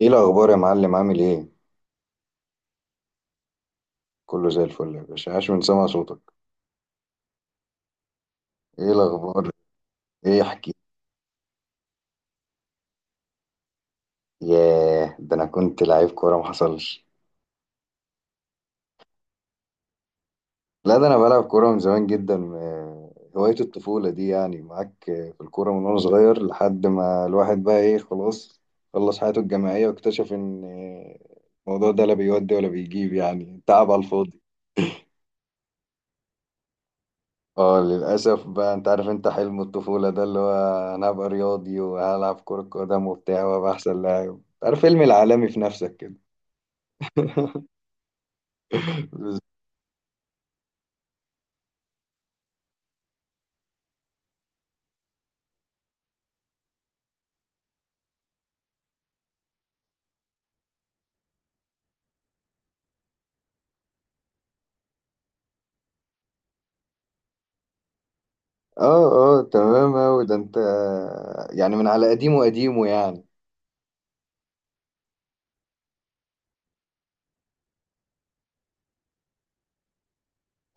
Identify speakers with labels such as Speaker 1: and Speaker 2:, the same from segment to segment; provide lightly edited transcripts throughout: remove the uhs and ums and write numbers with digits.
Speaker 1: ايه الاخبار يا معلم؟ عامل ايه؟ كله زي الفل يا باشا، عاش من سمع صوتك. ايه الاخبار؟ ايه احكي. ياه، ده انا كنت لعيب كوره ما حصلش. لا ده انا بلعب كوره من زمان جدا. هوايه الطفوله دي، يعني معاك في الكوره من وانا صغير، لحد ما الواحد بقى ايه، خلاص خلص حياته الجامعيه واكتشف ان الموضوع ده لا بيودي ولا بيجيب، يعني تعب على الفاضي. اه للأسف بقى، انت عارف انت حلم الطفولة ده اللي هو انا هبقى رياضي وهلعب كرة قدم وبتاع وابقى احسن لاعب، انت عارف فيلم العالمي في نفسك كده. بس- اه، اه تمام اوي، ده انت يعني من على قديمه قديمه يعني.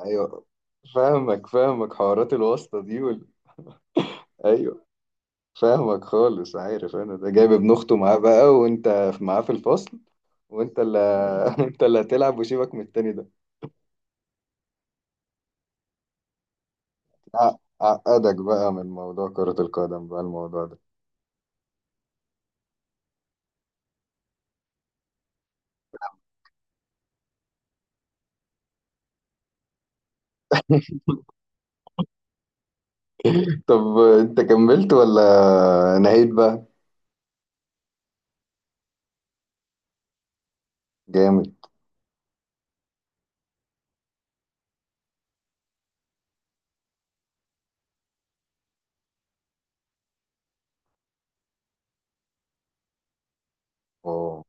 Speaker 1: ايوه فاهمك فاهمك، حوارات الواسطة دي ايوه فاهمك خالص، عارف انا ده جايب ابن اخته معاه بقى، وانت معاه في الفصل، وانت اللي انت اللي هتلعب وسيبك من التاني ده. عقدك بقى من موضوع كرة القدم بقى، الموضوع ده طب انت كملت ولا نهيت بقى؟ جامد. اه،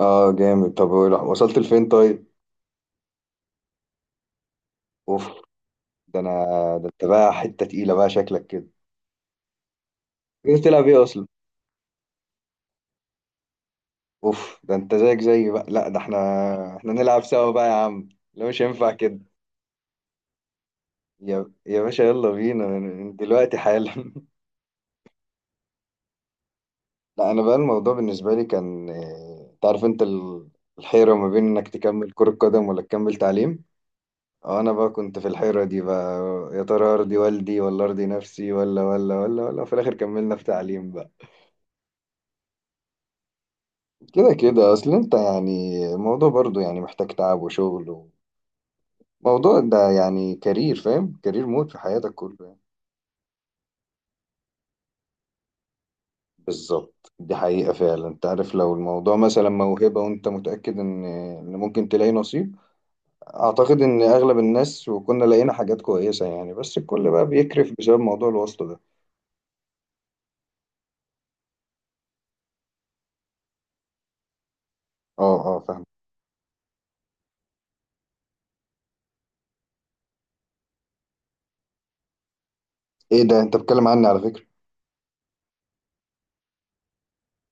Speaker 1: اه جامد. طب لا، وصلت لفين طيب؟ اوف، ده انا ده انت بقى حتة تقيلة بقى شكلك كده. كنت بتلعب ايه اصلا؟ اوف، ده انت زيك زي بقى، لا ده احنا احنا نلعب سوا بقى يا عم، لا مش هينفع كده. يا يا باشا يلا بينا من دلوقتي حالا. لا انا بقى الموضوع بالنسبة لي كان انت عارف انت الحيرة ما بين انك تكمل كرة قدم ولا تكمل تعليم. اه انا بقى كنت في الحيرة دي بقى، يا ترى ارضي والدي ولا ارضي نفسي ولا ولا ولا ولا في الاخر كملنا في تعليم بقى. كده كده اصل انت، يعني الموضوع برضو يعني محتاج تعب وشغل، وموضوع ده يعني كارير، فاهم؟ كارير مود في حياتك كله يعني. بالظبط، دي حقيقة فعلا. انت عارف لو الموضوع مثلا موهبة وانت متأكد ان ان ممكن تلاقي نصيب، اعتقد ان اغلب الناس، وكنا لقينا حاجات كويسة يعني، بس الكل بقى بيكرف بسبب موضوع الواسطة ده. اه، اه فاهم. ايه ده، انت بتتكلم عني على فكرة؟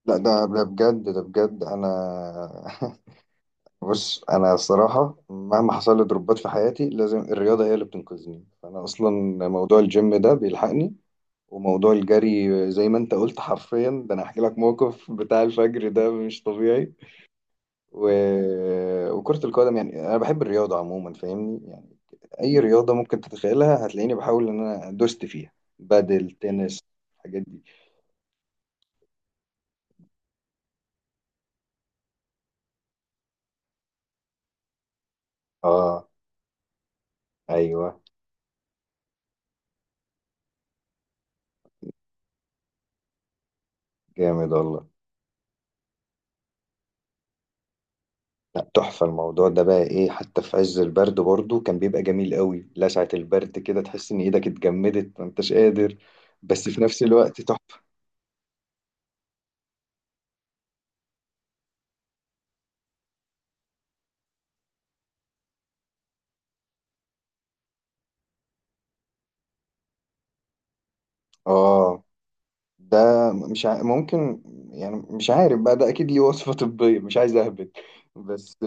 Speaker 1: لا ده ده بجد ده بجد انا. بص، انا الصراحه مهما حصل لي ضربات في حياتي لازم الرياضه هي اللي بتنقذني، فانا اصلا موضوع الجيم ده بيلحقني، وموضوع الجري زي ما انت قلت حرفيا، ده انا هحكي لك موقف بتاع الفجر ده مش طبيعي و... وكرة القدم، يعني انا بحب الرياضه عموما فاهمني يعني، اي رياضه ممكن تتخيلها هتلاقيني بحاول ان انا دوست فيها، بدل تنس، الحاجات دي. اه، ايوه. جامد والله. لا تحفة، الموضوع ده بقى ايه، حتى في عز البرد برضو كان بيبقى جميل قوي، لسعة البرد كده تحس ان ايدك اتجمدت ما انتش قادر، بس في نفس الوقت تحفة. اه ده مش ع... ممكن يعني مش عارف بقى، ده اكيد ليه وصفة طبية، مش عايز اهبد. بس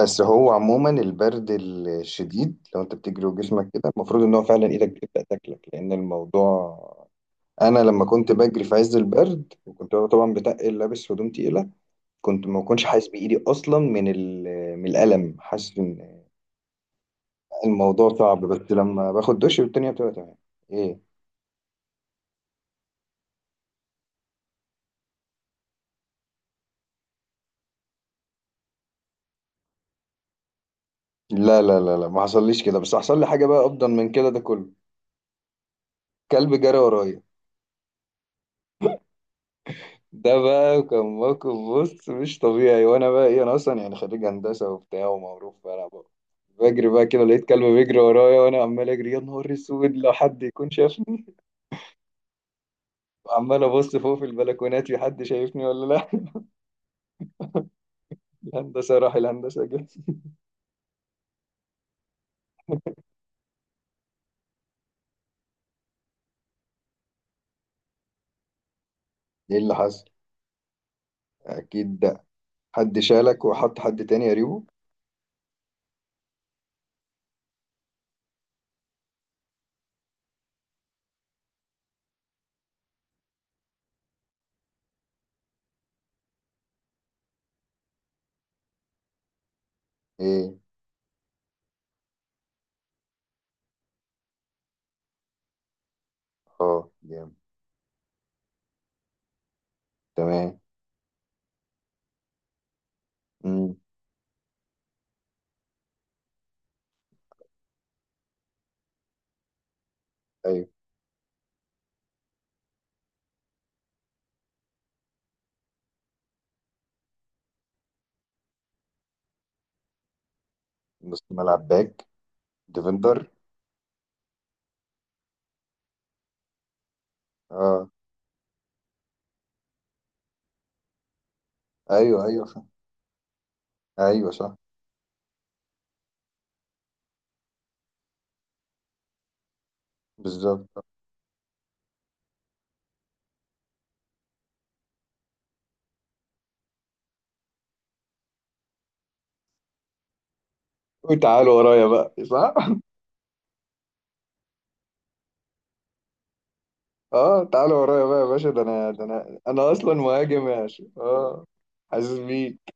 Speaker 1: بس هو عموما البرد الشديد لو انت بتجري وجسمك كده، المفروض ان هو فعلا ايدك بتبدأ تاكلك، لان الموضوع انا لما كنت بجري في عز البرد وكنت طبعا بتقل لابس هدوم تقيلة، كنت ما كنتش حاسس بايدي اصلا من من الالم، حاسس ان الموضوع صعب، بس لما باخد دش الدنيا بتبقى تمام. ايه؟ لا لا لا لا ما حصليش كده، بس حصل لي حاجه بقى افضل من كده ده كله. كلب جرى ورايا. ده بقى كان موقف بص مش طبيعي، وانا بقى ايه، انا اصلا يعني خريج هندسه وبتاع ومعروف، فانا بقى بجري بقى كده لقيت كلب بيجري ورايا، وانا عمال اجري، يا نهار اسود لو حد يكون شافني. وعمال ابص فوق في البلكونات في حد شايفني ولا لا. الهندسه راح، الهندسه جه. ايه اللي حصل؟ اكيد حد شالك وحط حد تاني قريبه؟ ايه. اه جامد. تمام. امم. ايوه. نص ملعب باك؟ ديفندر. اه. ايوه ايوه صح، ايوه صح. بالظبط. وتعالوا ورايا بقى، صح؟ اه تعالوا ورايا بقى يا باشا، ده انا ده انا انا اصلا مهاجم يا باشا، اه. حاسس بيك.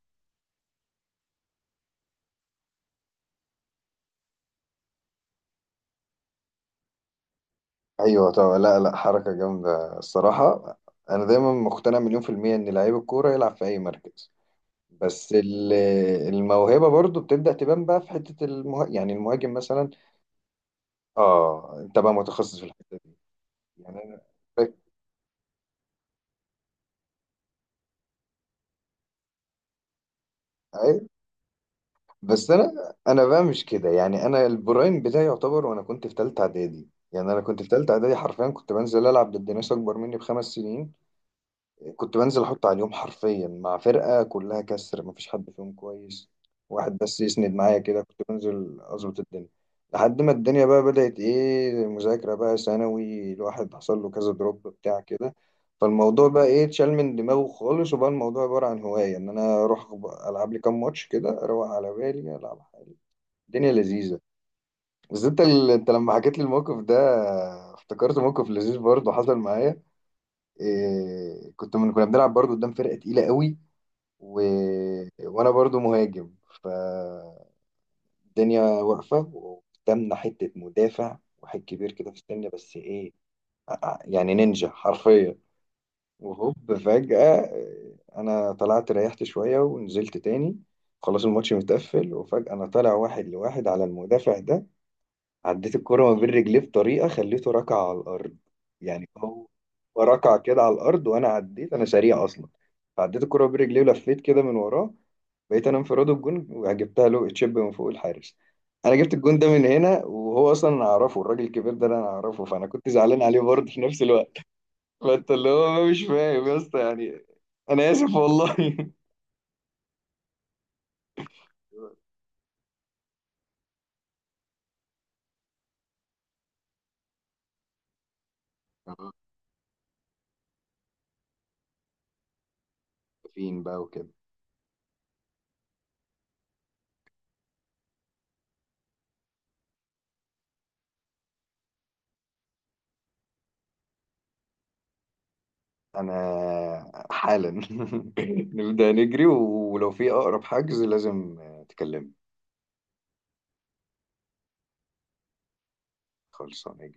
Speaker 1: ايوه طبعا، لا لا حركه جامده الصراحه، انا دايما مقتنع مليون في الميه ان لعيب الكوره يلعب في اي مركز، بس الموهبة برضو بتبدأ تبان بقى في حتة يعني المهاجم مثلا. اه انت بقى متخصص في الحتة دي، يعني انا أي- بس انا انا بقى مش كده، يعني انا البرايم بتاعي يعتبر وانا كنت في تالتة اعدادي، يعني انا كنت في تالتة اعدادي حرفيا كنت بنزل العب ضد ناس اكبر مني ب5 سنين، كنت بنزل احط على اليوم حرفيا مع فرقه كلها كسر مفيش حد فيهم كويس، واحد بس يسند معايا كده كنت بنزل اظبط الدنيا، لحد ما الدنيا بقى بدأت ايه، مذاكره بقى ثانوي، الواحد حصل له كذا دروب بتاع كده، فالموضوع بقى ايه اتشال من دماغه خالص، وبقى الموضوع عباره عن هوايه ان انا اروح العب لي كام ماتش كده اروق على بالي، العب حالي، الدنيا لذيذه. بس انت انت لما حكيت لي الموقف ده افتكرت موقف لذيذ برضه حصل معايا. إيه، كنت كنا بنلعب برضو قدام فرقة تقيلة قوي، و... وانا برضو مهاجم، فالدنيا واقفة وقدامنا حتة مدافع، واحد كبير كده في السن، بس ايه، يعني نينجا حرفيا. وهوب فجأة إيه، انا طلعت ريحت شوية ونزلت تاني، خلاص الماتش متقفل، وفجأة انا طالع واحد لواحد على المدافع ده، عديت الكرة ما بين رجليه بطريقة خليته ركع على الأرض، يعني هو هو ركع كده على الأرض، وأنا عديت، أنا سريع أصلا، فعديت الكرة ما بين رجليه ولفيت كده من وراه، بقيت أنا انفراد الجون وجبتها له تشيب من فوق الحارس. أنا جبت الجون ده من هنا، وهو أصلا أنا أعرفه، الراجل الكبير ده أنا أعرفه، فأنا كنت زعلان عليه برضه في نفس الوقت. فأنت اللي هو مش فاهم يا اسطى يعني، أنا آسف والله. فين بقى وكده؟ انا حالا نبدأ نجري، ولو في اقرب حجز لازم تكلمني. خلصانه.